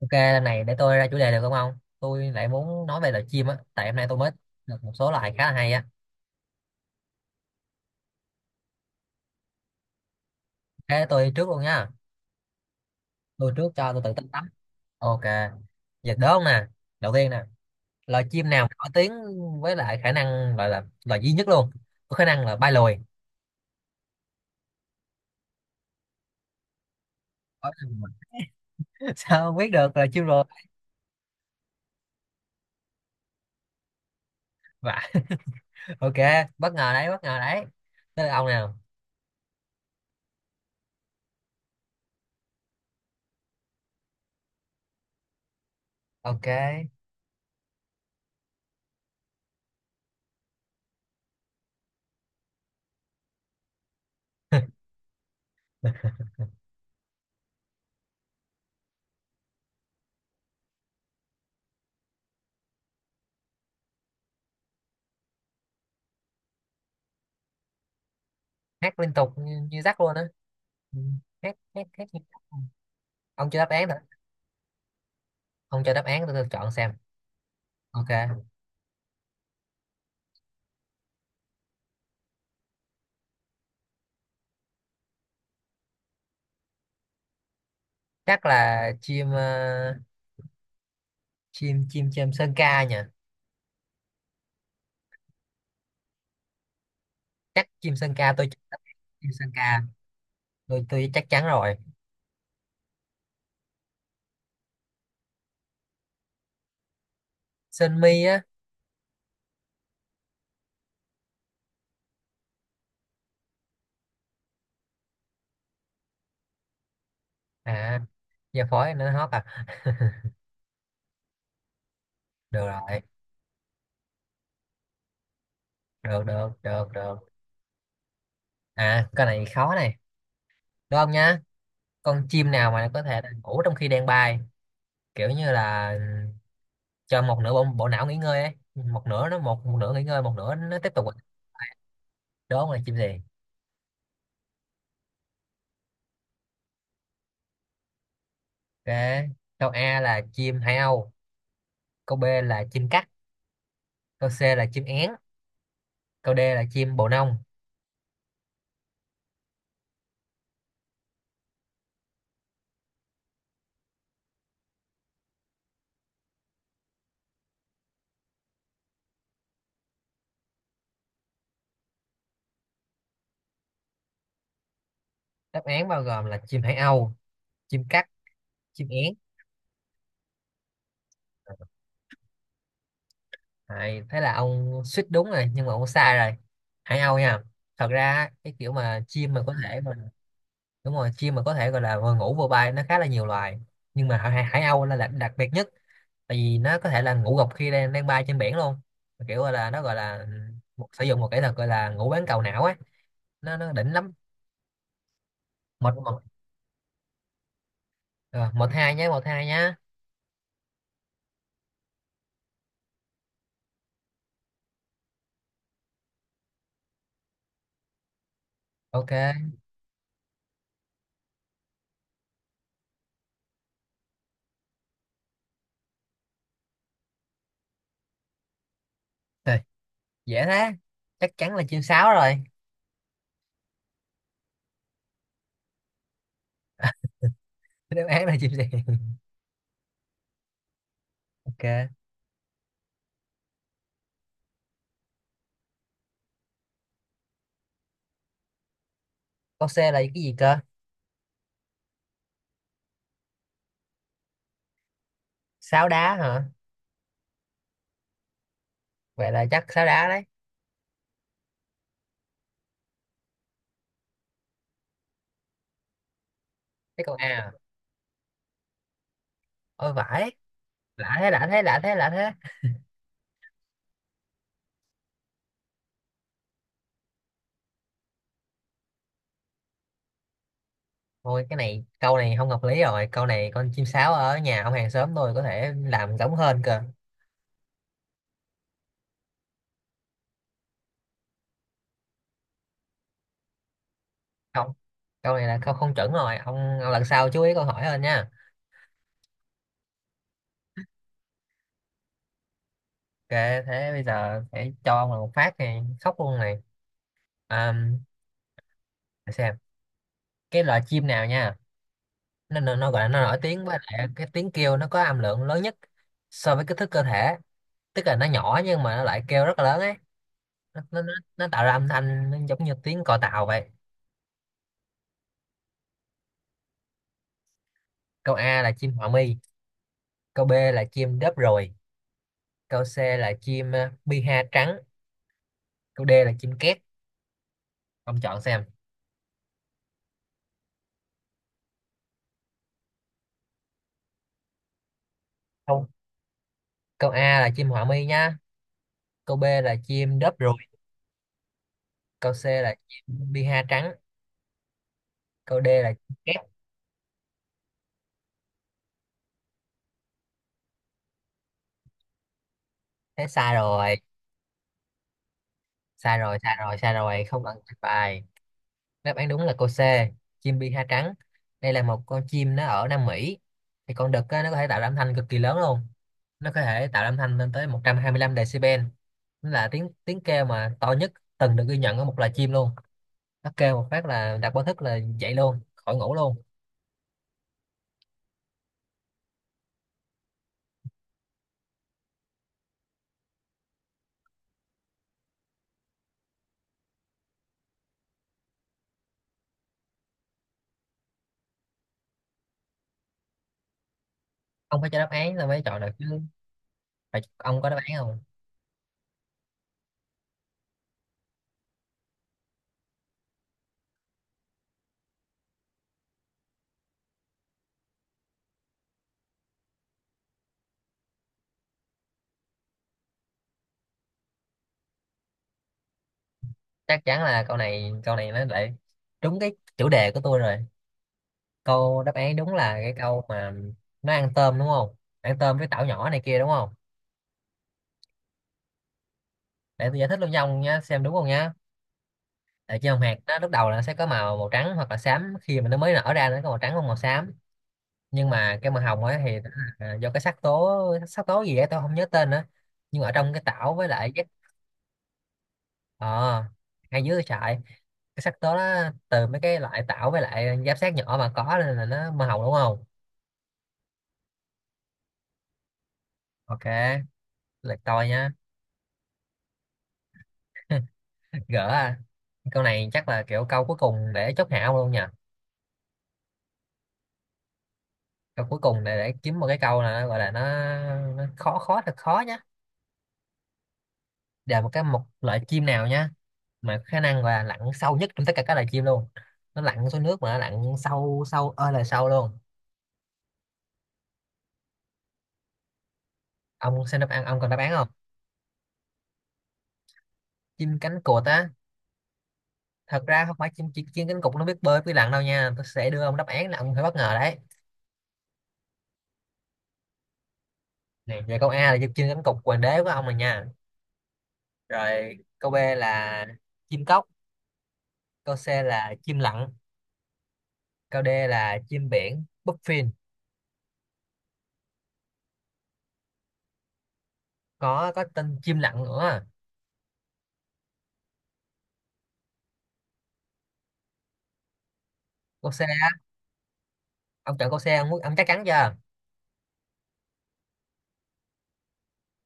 Ok, lần này để tôi ra chủ đề được không ông? Tôi lại muốn nói về loài chim á, tại hôm nay tôi mới được một số loài khá là hay á. Thế tôi trước luôn nha, tôi trước cho tôi tự tin lắm. Ok, giờ đố ông nè, đầu tiên nè, loài chim nào nổi tiếng với lại khả năng gọi là loài duy nhất luôn, có khả năng là bay lùi. Có khả năng mà- Sao ông biết được loài chim rồi? Vả. Ok, bất ngờ đấy, bất ngờ đấy. Tới là ông nào? Ok, hát liên tục như rắc luôn á. Ừ, Hát như dắt. Ông chưa đáp án hả? Ông cho đáp án tôi chọn xem. Ok, chắc là chim chim sơn ca nhỉ. Chắc chim sơn ca tôi. Chim sơn ca. Tôi chắc chắn rồi. Sơn mi á. À, giờ phổi nó hót à. Được rồi. Được được được được. À, cái này khó này, đúng không nhá? Con chim nào mà có thể ngủ trong khi đang bay, kiểu như là cho một nửa bộ não nghỉ ngơi ấy, một nửa nó một nửa nghỉ ngơi, một nửa nó tiếp tục, đúng không là chim gì? Ok, câu A là chim hải âu, câu B là chim cắt, câu C là chim én, câu D là chim bồ nông. Đáp án bao gồm là chim hải âu, chim cắt, chim én. Đấy, thế là ông suýt đúng rồi nhưng mà ông sai rồi. Hải âu nha. Thật ra á, cái kiểu mà chim mà có thể mà đúng rồi, chim mà có thể gọi là vừa ngủ vừa bay nó khá là nhiều loài. Nhưng mà hải âu là đặc biệt nhất, tại vì nó có thể là ngủ gục khi đang đang bay trên biển luôn. Kiểu gọi là nó gọi là một, sử dụng một kỹ thuật gọi là ngủ bán cầu não á, nó đỉnh lắm. Một một ờ, một hai nhé, một hai nhá. Ok. Rồi, dễ thế, chắc chắn là chim sáo rồi. Đáp án là chim gì? Ok, câu C là cái gì cơ? Sáo đá hả? Vậy là chắc sáo đá đấy. Cái câu A à? Ôi vãi. Lạ thế, lạ thế, lạ thế, lạ thế. Thôi, cái này câu này không hợp lý rồi, câu này con chim sáo ở nhà ông hàng xóm tôi có thể làm giống hơn cơ. Không, câu này là câu không chuẩn rồi ông lần sau chú ý câu hỏi hơn nha. Ok, thế bây giờ phải cho ông là một phát này khóc luôn này. À, để xem cái loại chim nào nha, nó gọi là nó nổi tiếng với lại cái tiếng kêu nó có âm lượng lớn nhất so với kích thước cơ thể, tức là nó nhỏ nhưng mà nó lại kêu rất là lớn ấy. Nó tạo ra âm thanh nó giống như tiếng còi tàu vậy. Câu A là chim họa mi, câu B là chim đớp ruồi, câu C là chim piha trắng, câu D là chim két. Ông chọn xem. Không, câu A là chim họa mi nha, câu B là chim đớp ruồi, câu C là chim piha trắng, câu D là chim két. Thế sai rồi, sai rồi, không cần bài. Đáp án đúng là câu C, chim bi ha trắng. Đây là một con chim nó ở Nam Mỹ, thì con đực á, nó có thể tạo ra âm thanh cực kỳ lớn luôn. Nó có thể tạo ra âm thanh lên tới 125 decibel. Nó là tiếng tiếng kêu mà to nhất từng được ghi nhận ở một loài chim luôn. Nó kêu một phát là đặt báo thức là dậy luôn, khỏi ngủ luôn. Ông phải cho đáp án là mới chọn được chứ. Phải, ông có đáp án không? Chắc chắn là câu này nó lại đúng cái chủ đề của tôi rồi. Câu đáp án đúng là cái câu mà nó ăn tôm đúng không, ăn tôm với tảo nhỏ này kia, đúng không? Để tôi giải thích luôn cho ông nhá, xem đúng không nhá. Tại vì hồng hạc nó lúc đầu là nó sẽ có màu màu trắng hoặc là xám, khi mà nó mới nở ra nó có màu trắng hoặc màu xám. Nhưng mà cái màu hồng ấy thì nó là do cái sắc tố, sắc tố gì ấy tôi không nhớ tên nữa. Nhưng mà ở trong cái tảo với lại giáp, ờ ngay dưới cái sợi, cái sắc tố đó từ mấy cái loại tảo với lại giáp sát nhỏ mà có, nên là nó màu hồng đúng không. Ok, lượt tôi nha. Gỡ à. Câu này chắc là kiểu câu cuối cùng để chốt hạ ông luôn nhỉ. Câu cuối cùng này để kiếm một cái câu này, nó gọi là nó khó khó thật khó nhá, là một cái một loại chim nào nhá mà khả năng là lặn sâu nhất trong tất cả các loài chim luôn. Nó lặn xuống nước mà nó lặn sâu, sâu ơi là sâu luôn. Ông xem đáp án, ông còn đáp án không? Chim cánh cụt á. Thật ra không phải chim chim cánh cụt nó biết bơi biết lặn đâu nha, tôi sẽ đưa ông đáp án là ông phải bất ngờ đấy. Này về, câu A là chim cánh cụt hoàng đế của ông rồi nha, rồi câu B là chim cốc, câu C là chim lặn, câu D là chim biển bluefin. Có tên chim lặn nữa. Câu C á, ông chọn câu C ông, muốn- ông chắc chắn chưa?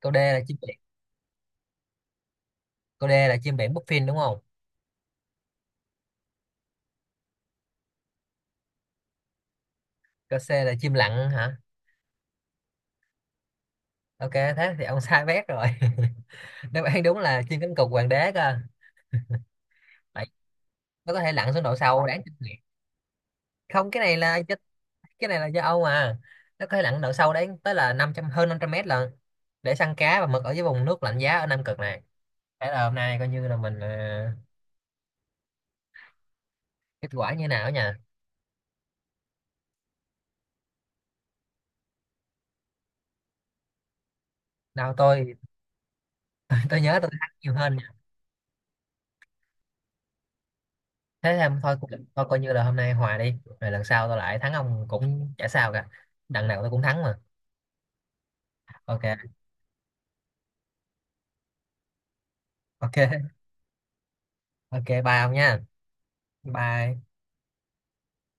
Câu D là chim biển. Câu D là chim biển Puffin đúng không? Câu C là chim lặn hả? Ok thế thì ông sai bét rồi. Đáp án đúng là chim cánh cụt hoàng đế cơ. Tại nó có thể lặn xuống độ sâu đáng kinh ngạc. Không, cái này là do- cái này là do Âu mà, nó có thể lặn độ sâu đến tới là 500, hơn 500 mét lần để săn cá và mực ở dưới vùng nước lạnh giá ở Nam Cực này. Thế là hôm nay coi như là mình kết quả như nào nhỉ? Nào tôi, tôi nhớ tôi thắng nhiều hơn. Thế thì em thôi cũng- thôi coi như là hôm nay hòa đi. Rồi lần sau tao lại thắng ông cũng chả sao cả, đằng nào tao cũng thắng mà. Ok. Ok. Ok, bye ông nha. Bye.